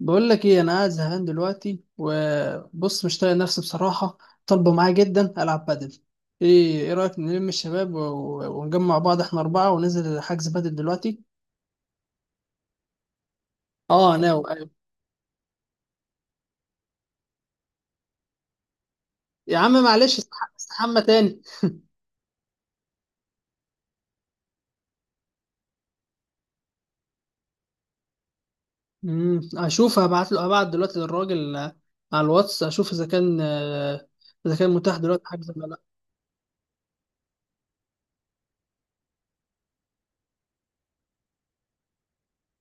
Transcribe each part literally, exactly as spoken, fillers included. بقول لك ايه، انا قاعد زهقان دلوقتي، وبص مش طايق نفسي بصراحه. طالبه معايا جدا العب بادل. ايه، ايه رايك نلم الشباب و- و- ونجمع بعض، احنا اربعه وننزل حجز بادل دلوقتي؟ اه ناو، ايوه. يا عم معلش، استح- استحمى تاني. امم، اشوف، هبعت له هبعت دلوقتي للراجل، آه، على الواتس اشوف اذا كان، آه، اذا كان متاح دلوقتي حجز ولا لا.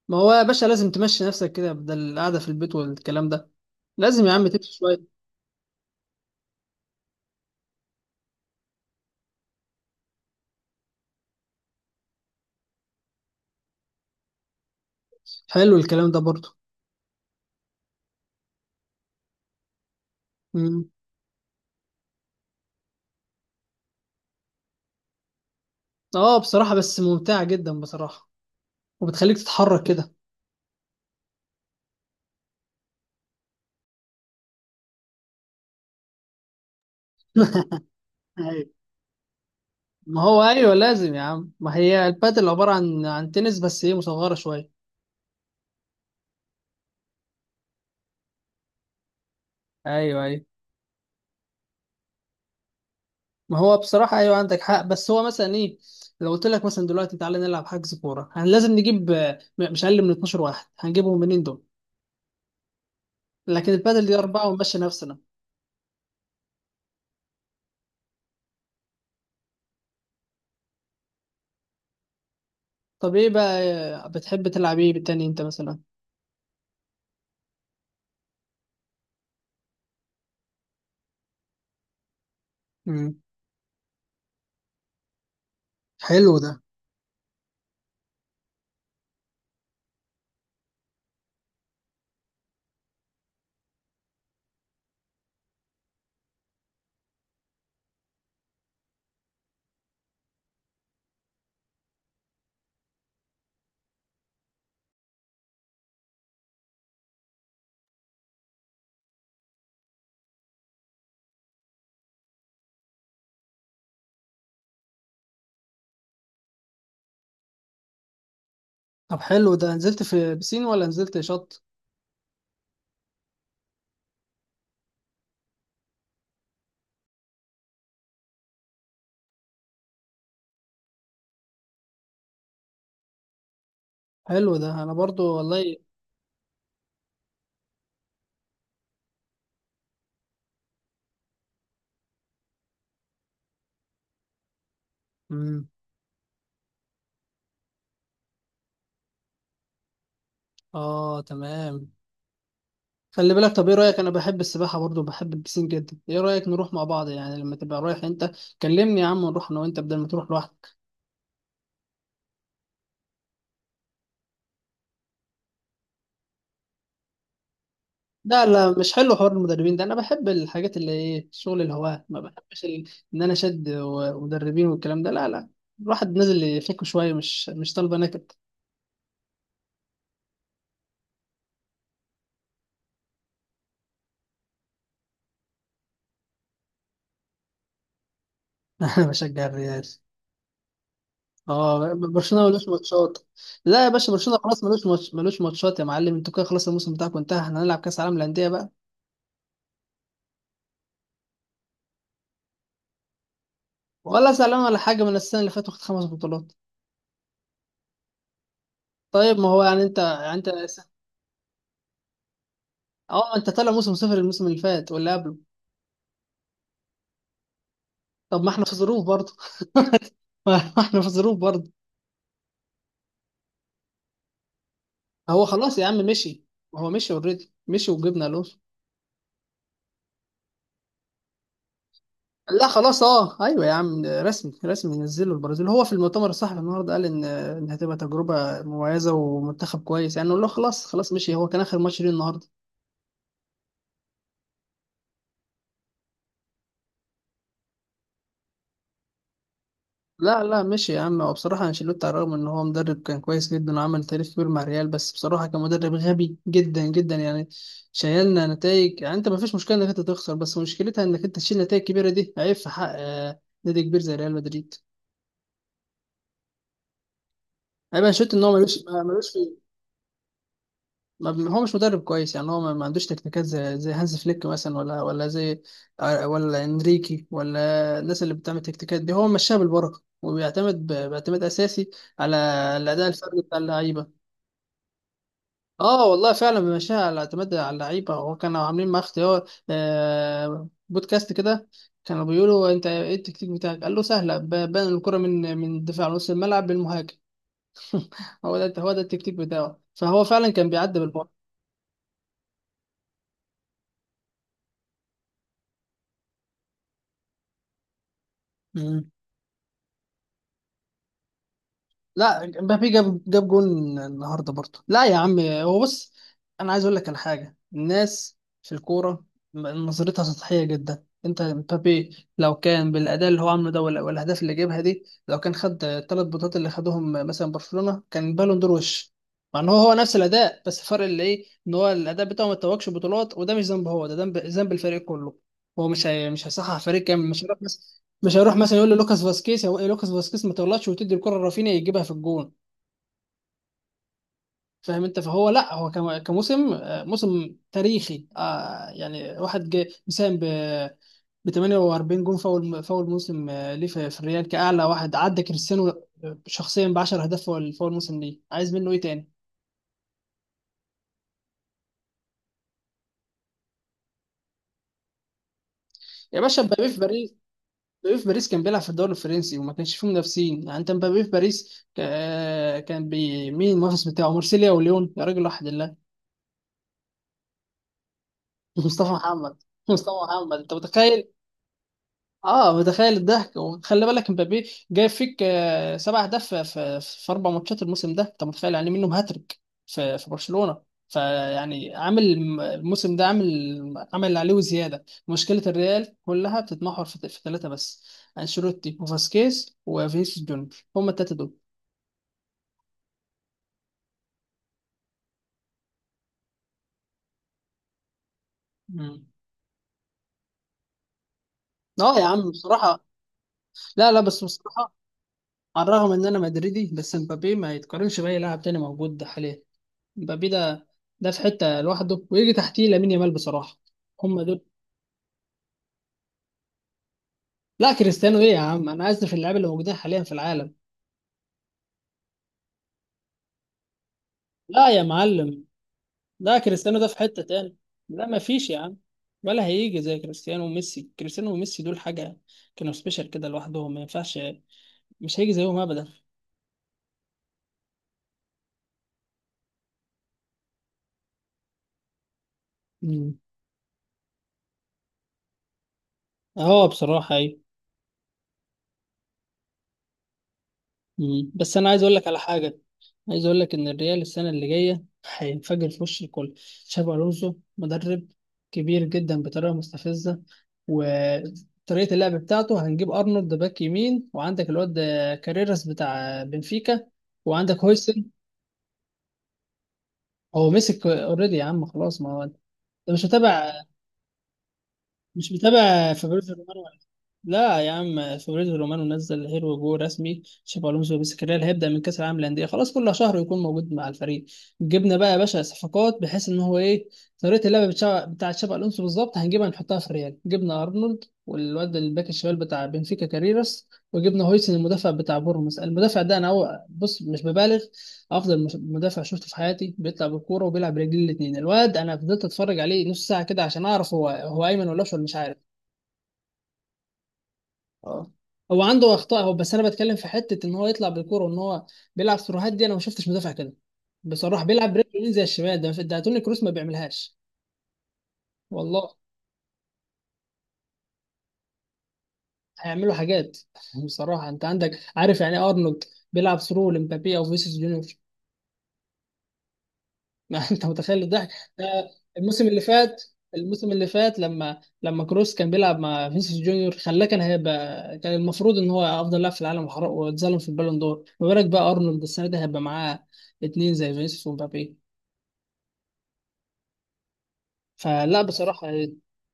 ما هو يا باشا لازم تمشي نفسك كده، بدل القعده في البيت والكلام ده. لازم يا عم تمشي شويه. حلو الكلام ده برضه. اه بصراحة، بس ممتعة جدا بصراحة، وبتخليك تتحرك كده. ايوه. ما هو ايوه، لازم يا عم. ما هي البادل عبارة عن عن تنس، بس ايه مصغرة شوية. ايوه ايوه. ما هو بصراحة ايوه، عندك حق. بس هو مثلا ايه، لو قلت لك مثلا دلوقتي تعالى نلعب حجز كورة، هن لازم نجيب آه، م- مش اقل من اتناشر واحد، هنجيبهم منين دول؟ لكن البادل دي أربعة ونمشي نفسنا. طب ايه بقى، آه، بتحب تلعب ايه بالتاني انت مثلا؟ امم. حلو ده. طب حلو ده، نزلت في بسين ولا نزلت شط؟ حلو ده انا برضو والله. امم. اه تمام. خلي بالك، طب ايه رايك، انا بحب السباحه برضو، بحب البسين جدا، ايه رايك نروح مع بعض يعني، لما تبقى رايح انت كلمني يا عم، ونروح انا وانت بدل ما تروح لوحدك. لا لا، مش حلو حوار المدربين ده، انا بحب الحاجات اللي ايه، شغل الهواة، ما بحبش ال... ان انا شد ومدربين والكلام ده، لا لا. الواحد نازل يفك شويه، مش مش طالبه نكد. انا بشجع الريال. اه، برشلونه ملوش ماتشات. لا يا باشا، برشلونه خلاص ملوش ماتش، ملوش ماتشات يا معلم، انتوا كده خلاص الموسم بتاعكم انتهى، احنا هنلعب كاس عالم للانديه بقى. ولا زعلان ولا حاجه، من السنه اللي فاتت واخد خمس بطولات. طيب ما هو يعني انت، يعني انت. اه ما انت طالع موسم صفر الموسم اللي فات واللي قبله. طب ما احنا في ظروف برضه. ما احنا في ظروف برضه. هو خلاص يا عم مشي. هو مشي اوريدي مشي، وجبنا الونسو. لا خلاص، اه ايوه يا عم، رسمي، رسمي نزله البرازيل، هو في المؤتمر الصحفي النهارده قال ان ان هتبقى تجربه مميزه ومنتخب كويس، يعني نقول له خلاص، خلاص مشي، هو كان اخر ماتش ليه النهارده. لا لا ماشي يا عم، هو بصراحة أنشيلوتي، على الرغم إن هو مدرب كان كويس جدا وعمل تاريخ كبير مع ريال، بس بصراحة كان مدرب غبي جدا جدا يعني، شايلنا نتائج يعني. أنت ما فيش مشكلة إنك أنت تخسر، بس مشكلتها إنك أنت تشيل نتائج كبيرة، دي عيب في حق آه، نادي كبير زي ريال مدريد. عيب أنشيلوتي إن هو ملوش ما- ملوش في، ما بي- هو مش مدرب كويس يعني، هو ما ما عندوش تكتيكات زي زي هانز فليك مثلا، ولا ولا زي آه، ولا إنريكي، ولا الناس اللي بتعمل تكتيكات دي. هو مشاها بالبركة، وبيعتمد ب- باعتماد أساسي على الأداء الفردي بتاع اللعيبة. اه والله فعلا مشاها، اعتمد على اللعيبه، وكانوا عاملين مع اختيار آه، بودكاست كده، كانوا بيقولوا انت ايه التكتيك بتاعك، قال له سهله، ب- بنقل الكره من من الدفاع لنص الملعب للمهاجم، هو ده هو ده التكتيك بتاعه، فهو فعلا كان بيعدي بالبعد. لا، مبابي جاب جاب جون النهارده برضه، لا يا عم هو بص، انا عايز اقول لك على حاجه، الناس في الكوره نظرتها سطحيه جدا، انت مبابي لو كان بالاداء اللي هو عامله ده ولا- والاهداف اللي جابها دي، لو كان خد الثلاث بطولات اللي خدهم مثلا برشلونه كان بالون دور وش. مع ان هو هو نفس الاداء، بس الفرق اللي ايه ان هو الاداء بتاعه ما اتوجش بطولات، وده مش ذنبه، هو ده ذنب ذنب الفريق كله. هو مش هي... مش هيصحح فريق كامل، مش هيروح بس، مش هيروح مثلا يقول للوكاس فاسكيز، هو إيه لوكاس فاسكيز، ما تغلطش وتدي الكره لرافينيا يجيبها في الجون. فاهم انت، فهو لا، هو كم- كموسم آه، موسم تاريخي، آه، يعني واحد جه مساهم ب ب تمنية واربعين جون، فاول فاول موسم آه، ليه في في الريال، كاعلى واحد عدى كريستيانو آه، شخصيا، ب عشر اهداف فاول فاول موسم ليه، عايز منه ايه تاني؟ يا باشا مبابي في باريس، مبابي في باريس كان بيلعب في الدوري الفرنسي، وما كانش فيه منافسين يعني، انت مبابي في باريس ك- آه، كان بي... مين المنافس بتاعه؟ مارسيليا وليون يا راجل، واحد. مصطفى محمد، مصطفى محمد انت متخيل؟ اه متخيل الضحك، وخلي بالك مبابي جايب فيك آه، سبع اهداف في, في, في اربع ماتشات الموسم ده، انت متخيل، يعني إيه منهم هاتريك في, في برشلونه. فيعني عامل الموسم ده، عامل عامل اللي عليه وزياده، مشكله الريال كلها بتتمحور في, في ثلاثه بس، انشيلوتي وفاسكيز وفينيسيوس جونيور، هم الثلاثه دول. مم. اه يا عم بصراحه، لا لا بس بصراحه، على الرغم ان انا مدريدي بس مبابي ما يتقارنش باي لاعب تاني موجود حاليا. مبابي ده، ده في حته لوحده، ويجي تحتيه لامين يامال بصراحه. هم دول. لا كريستيانو ايه يا عم، انا اسف، اللعيبه اللي موجودين حاليا في العالم، لا يا معلم، لا كريستيانو ده في حته تاني، لا ما فيش يا عم، ولا هيجي زي كريستيانو وميسي، كريستيانو وميسي دول حاجه، كانوا سبيشال كده لوحدهم ما ينفعش، مش هيجي زيهم ابدا. مم. اه بصراحه ايوه. مم. بس انا عايز اقول لك على حاجه، عايز اقول لك ان الريال السنه اللي جايه هينفجر في وش الكل. تشابي الونسو مدرب كبير جدا بطريقه مستفزه، وطريقه اللعب بتاعته، هنجيب ارنولد باك يمين، وعندك الواد ده كاريراس بتاع بنفيكا، وعندك هويسن. هو مسك اوريدي يا عم خلاص، ما هو انت مش متابع، مش متابع فابريزو رومانو. لا يا عم، فابريزو رومانو نزل هيرو جو رسمي تشابي الونسو، بس الريال هيبدا من كاس العالم للانديه خلاص، كل شهر يكون موجود مع الفريق. جبنا بقى يا باشا صفقات، بحيث ان هو ايه، طريقه اللعب بتاع بتاع تشابي الونسو بالظبط هنجيبها نحطها في الريال، جبنا ارنولد والواد الباك الشمال بتاع بنفيكا كاريراس، وجبنا هويسن المدافع بتاع بورموس. المدافع ده انا، هو بص، مش ببالغ، افضل مش- مدافع شفته في حياتي، بيطلع بالكوره وبيلعب برجلين الاثنين، الواد انا فضلت اتفرج عليه نص ساعه كده عشان اعرف هو، هو ايمن ولا اشول مش عارف. اه، هو عنده اخطاء هو، بس انا بتكلم في حته ان هو يطلع بالكوره، وان هو بيلعب سيروهات دي، انا ما شفتش مدافع كده بصراحه، بيلعب برجله اليمين زي الشمال، ده ده توني كروس ما بيعملهاش. والله هيعملوا حاجات. بصراحه انت عندك، عارف يعني إيه ارنولد بيلعب ثرو لمبابي او فيسيس جونيور؟ ما انت متخيل الضحك. ده الموسم اللي فات، الموسم اللي فات لما لما كروس كان بيلعب مع فينيسيوس جونيور خلاه، كان هيبقى، كان المفروض ان هو افضل لاعب في العالم، وحر- واتظلم في البالون دور، ما بالك بقى ارنولد السنه دي هيبقى معاه اتنين زي فينيسيوس ومبابي، فلا بصراحه.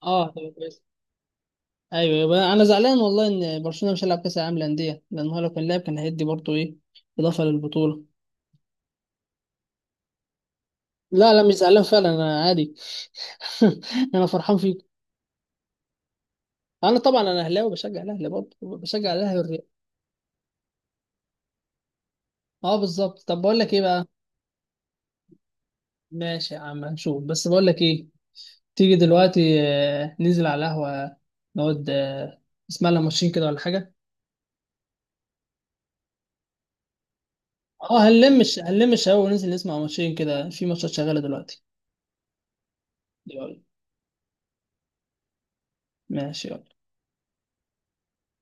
اه هتبقى كويس. ايوه، يبقى انا زعلان والله، ان برشلونه مش هيلعب كاس العالم للانديه، لان هو لو كان لعب كان هيدي برضه ايه، اضافه للبطوله. لا لا مش زعلان فعلا، انا عادي. انا فرحان فيك. انا طبعا انا اهلاوي، بشجع الاهلي برضه، بشجع الاهلي والريال. اه بالظبط، طب بقول لك ايه بقى، ماشي يا عم هنشوف، بس بقول لك ايه، تيجي دلوقتي، آه، ننزل على القهوة نقعد، آه، نسمع لنا ماتشين كده ولا حاجة. اه هنلم الش- هنلم الشباب وننزل نسمع ماتشين كده، في ماتشات شغالة دلوقتي. يلا ماشي يلا.